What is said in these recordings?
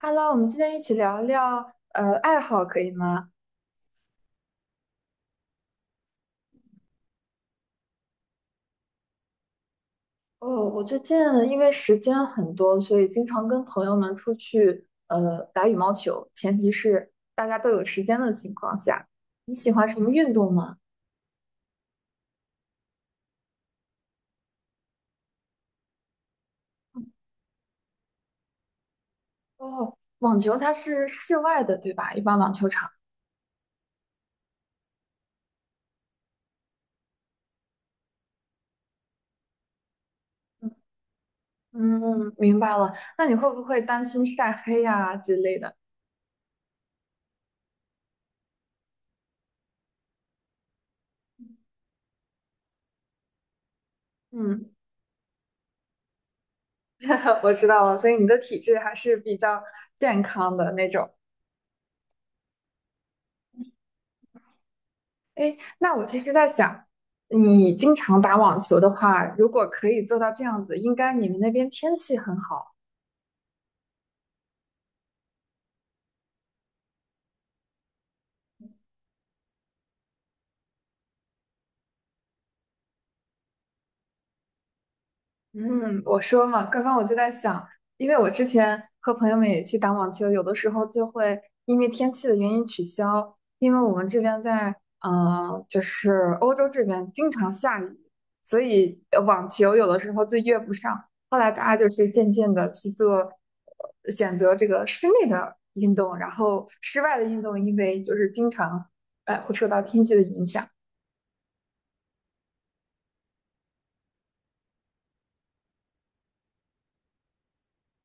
Hello，我们今天一起聊一聊爱好，可以吗？哦，我最近因为时间很多，所以经常跟朋友们出去打羽毛球，前提是大家都有时间的情况下。你喜欢什么运动吗？哦，网球它是室外的，对吧？一般网球场。嗯，明白了。那你会不会担心晒黑呀、之类的？嗯，我知道了，所以你的体质还是比较健康的那种。那我其实在想，你经常打网球的话，如果可以做到这样子，应该你们那边天气很好。嗯，我说嘛，刚刚我就在想，因为我之前和朋友们也去打网球，有的时候就会因为天气的原因取消，因为我们这边在就是欧洲这边经常下雨，所以网球有的时候就约不上。后来大家就是渐渐的去做选择这个室内的运动，然后室外的运动，因为就是经常会受到天气的影响。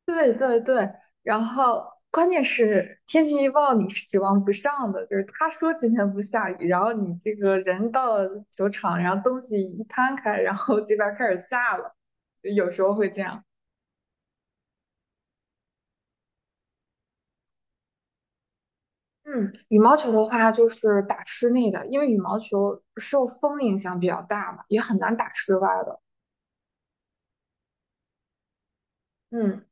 对对对，然后关键是天气预报你是指望不上的，就是他说今天不下雨，然后你这个人到球场，然后东西一摊开，然后这边儿开始下了，有时候会这样。嗯，羽毛球的话就是打室内的，因为羽毛球受风影响比较大嘛，也很难打室外的。嗯。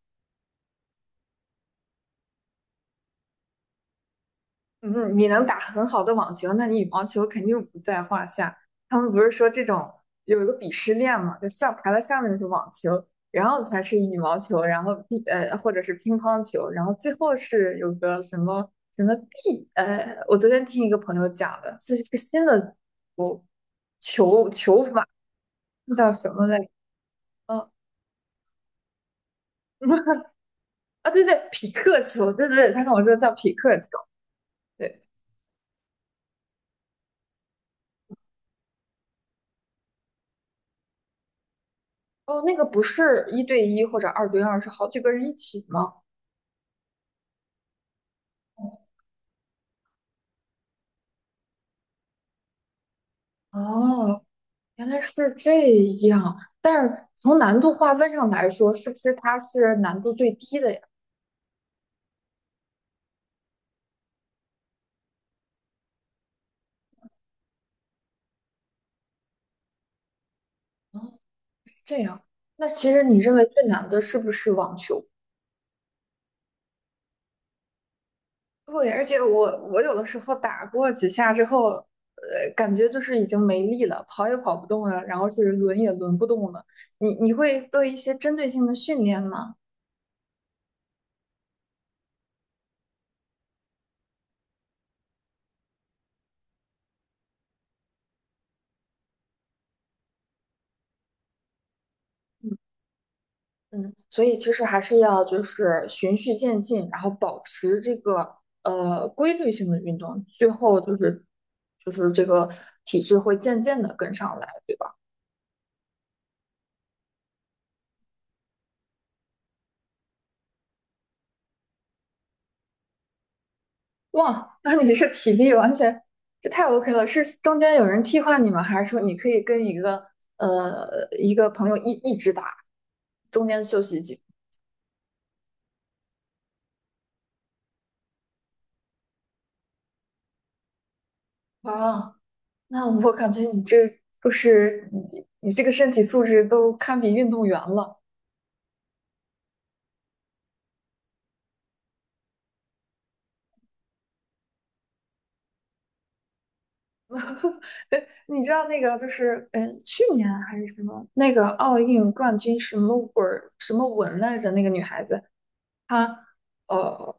嗯，你能打很好的网球，那你羽毛球肯定不在话下。他们不是说这种有一个鄙视链嘛，就上排在上面的是网球，然后才是羽毛球，然后或者是乒乓球，然后最后是有个什么什么，我昨天听一个朋友讲的，这是一个新的球法，那叫什么来着？哦 啊对对，匹克球，对对对，他跟我说叫匹克球，对，哦那个不是一对一或者二对二，是好几个人一起吗？哦，原来是这样。但是从难度划分上来说，是不是它是难度最低的呀？哦，这样。那其实你认为最难的是不是网球？对，而且我有的时候打过几下之后，感觉就是已经没力了，跑也跑不动了，然后是轮也轮不动了。你会做一些针对性的训练吗？嗯，所以其实还是要就是循序渐进，然后保持这个规律性的运动，最后就是这个体质会渐渐的跟上来，对吧？哇，那你是体力完全这太 OK 了，是中间有人替换你吗？还是说你可以跟一个一个朋友一直打，中间休息几？哇，那我感觉就是你这个身体素质都堪比运动员了。你知道那个就是去年还是什么那个奥运冠军什么文什么文来着？那个女孩子她呃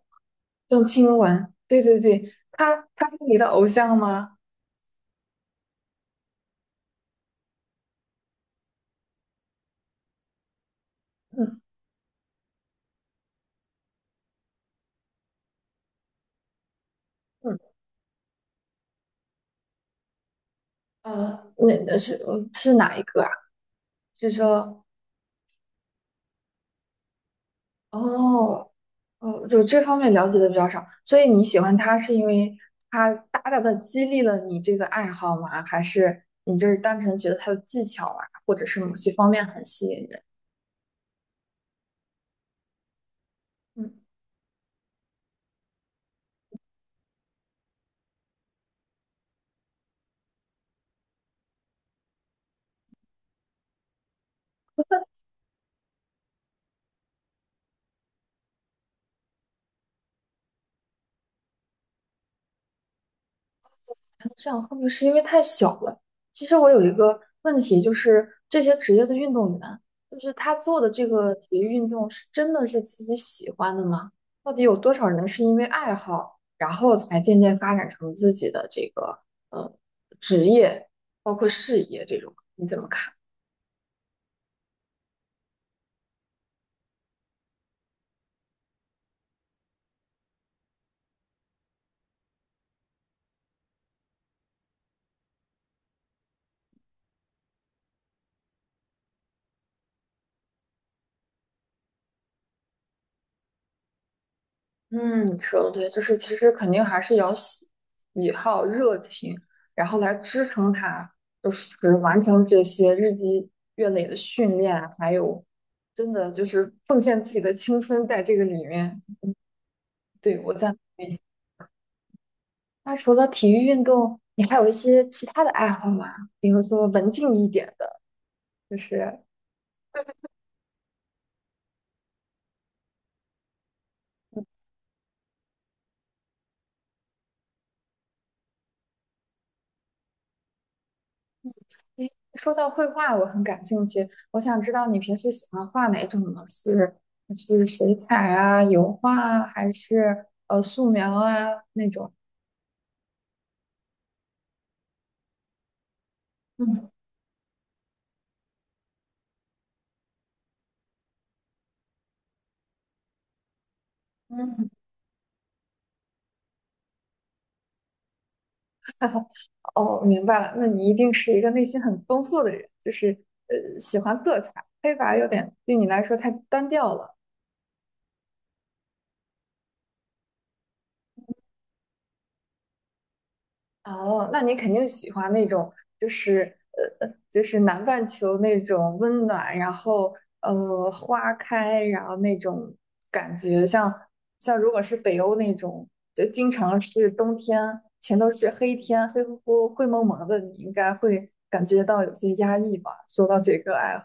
郑钦文，对对对，她是你的偶像吗？嗯嗯那是是哪一个啊？是说哦哦，就这方面了解的比较少，所以你喜欢她是因为她大大的激励了你这个爱好吗？还是你就是单纯觉得她的技巧啊，或者是某些方面很吸引人？嗯。这样会不会是因为太小了？其实我有一个问题，就是这些职业的运动员，就是他做的这个体育运动是真的是自己喜欢的吗？到底有多少人是因为爱好，然后才渐渐发展成自己的这个呃职业，包括事业这种？你怎么看？嗯，你说的对，就是其实肯定还是要喜好、热情，然后来支撑他，就是完成这些日积月累的训练啊，还有真的就是奉献自己的青春在这个里面。对，我赞同你。那除了体育运动，你还有一些其他的爱好吗？比如说文静一点的，就是。诶，说到绘画，我很感兴趣。我想知道你平时喜欢画哪种呢？是是水彩啊、油画啊，还是素描啊那种？嗯嗯，哦，明白了，那你一定是一个内心很丰富的人，就是喜欢色彩。黑白有点对你来说太单调了。哦，那你肯定喜欢那种，就是就是南半球那种温暖，然后花开，然后那种感觉像，像如果是北欧那种，就经常是冬天，全都是黑天，黑乎乎、灰蒙蒙的，你应该会感觉到有些压抑吧？说到这个爱好。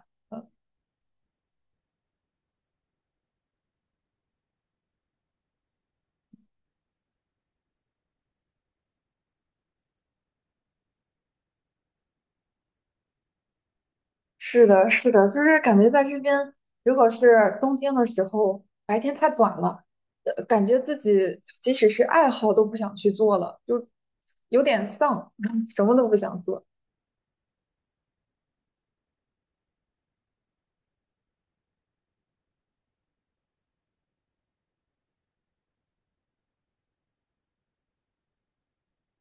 是的，是的，就是感觉在这边，如果是冬天的时候，白天太短了，感觉自己即使是爱好都不想去做了，就有点丧，什么都不想做。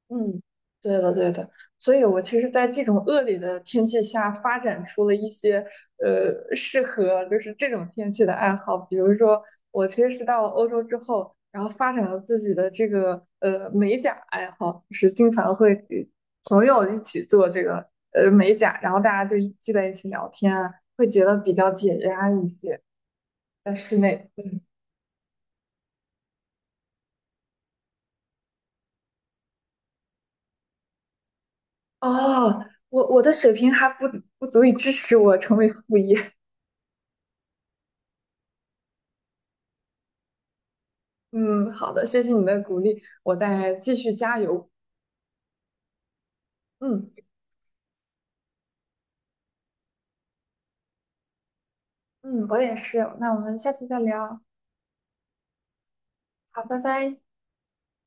嗯，对的，对的，所以我其实，在这种恶劣的天气下，发展出了一些适合就是这种天气的爱好，比如说，我其实是到了欧洲之后，然后发展了自己的这个美甲爱好，就是经常会给朋友一起做这个美甲，然后大家就一聚在一起聊天啊，会觉得比较解压一些，在室内。哦，我的水平还不足以支持我成为副业。嗯，好的，谢谢你的鼓励，我再继续加油。嗯嗯，嗯我也是。那我们下次再聊。好，拜拜。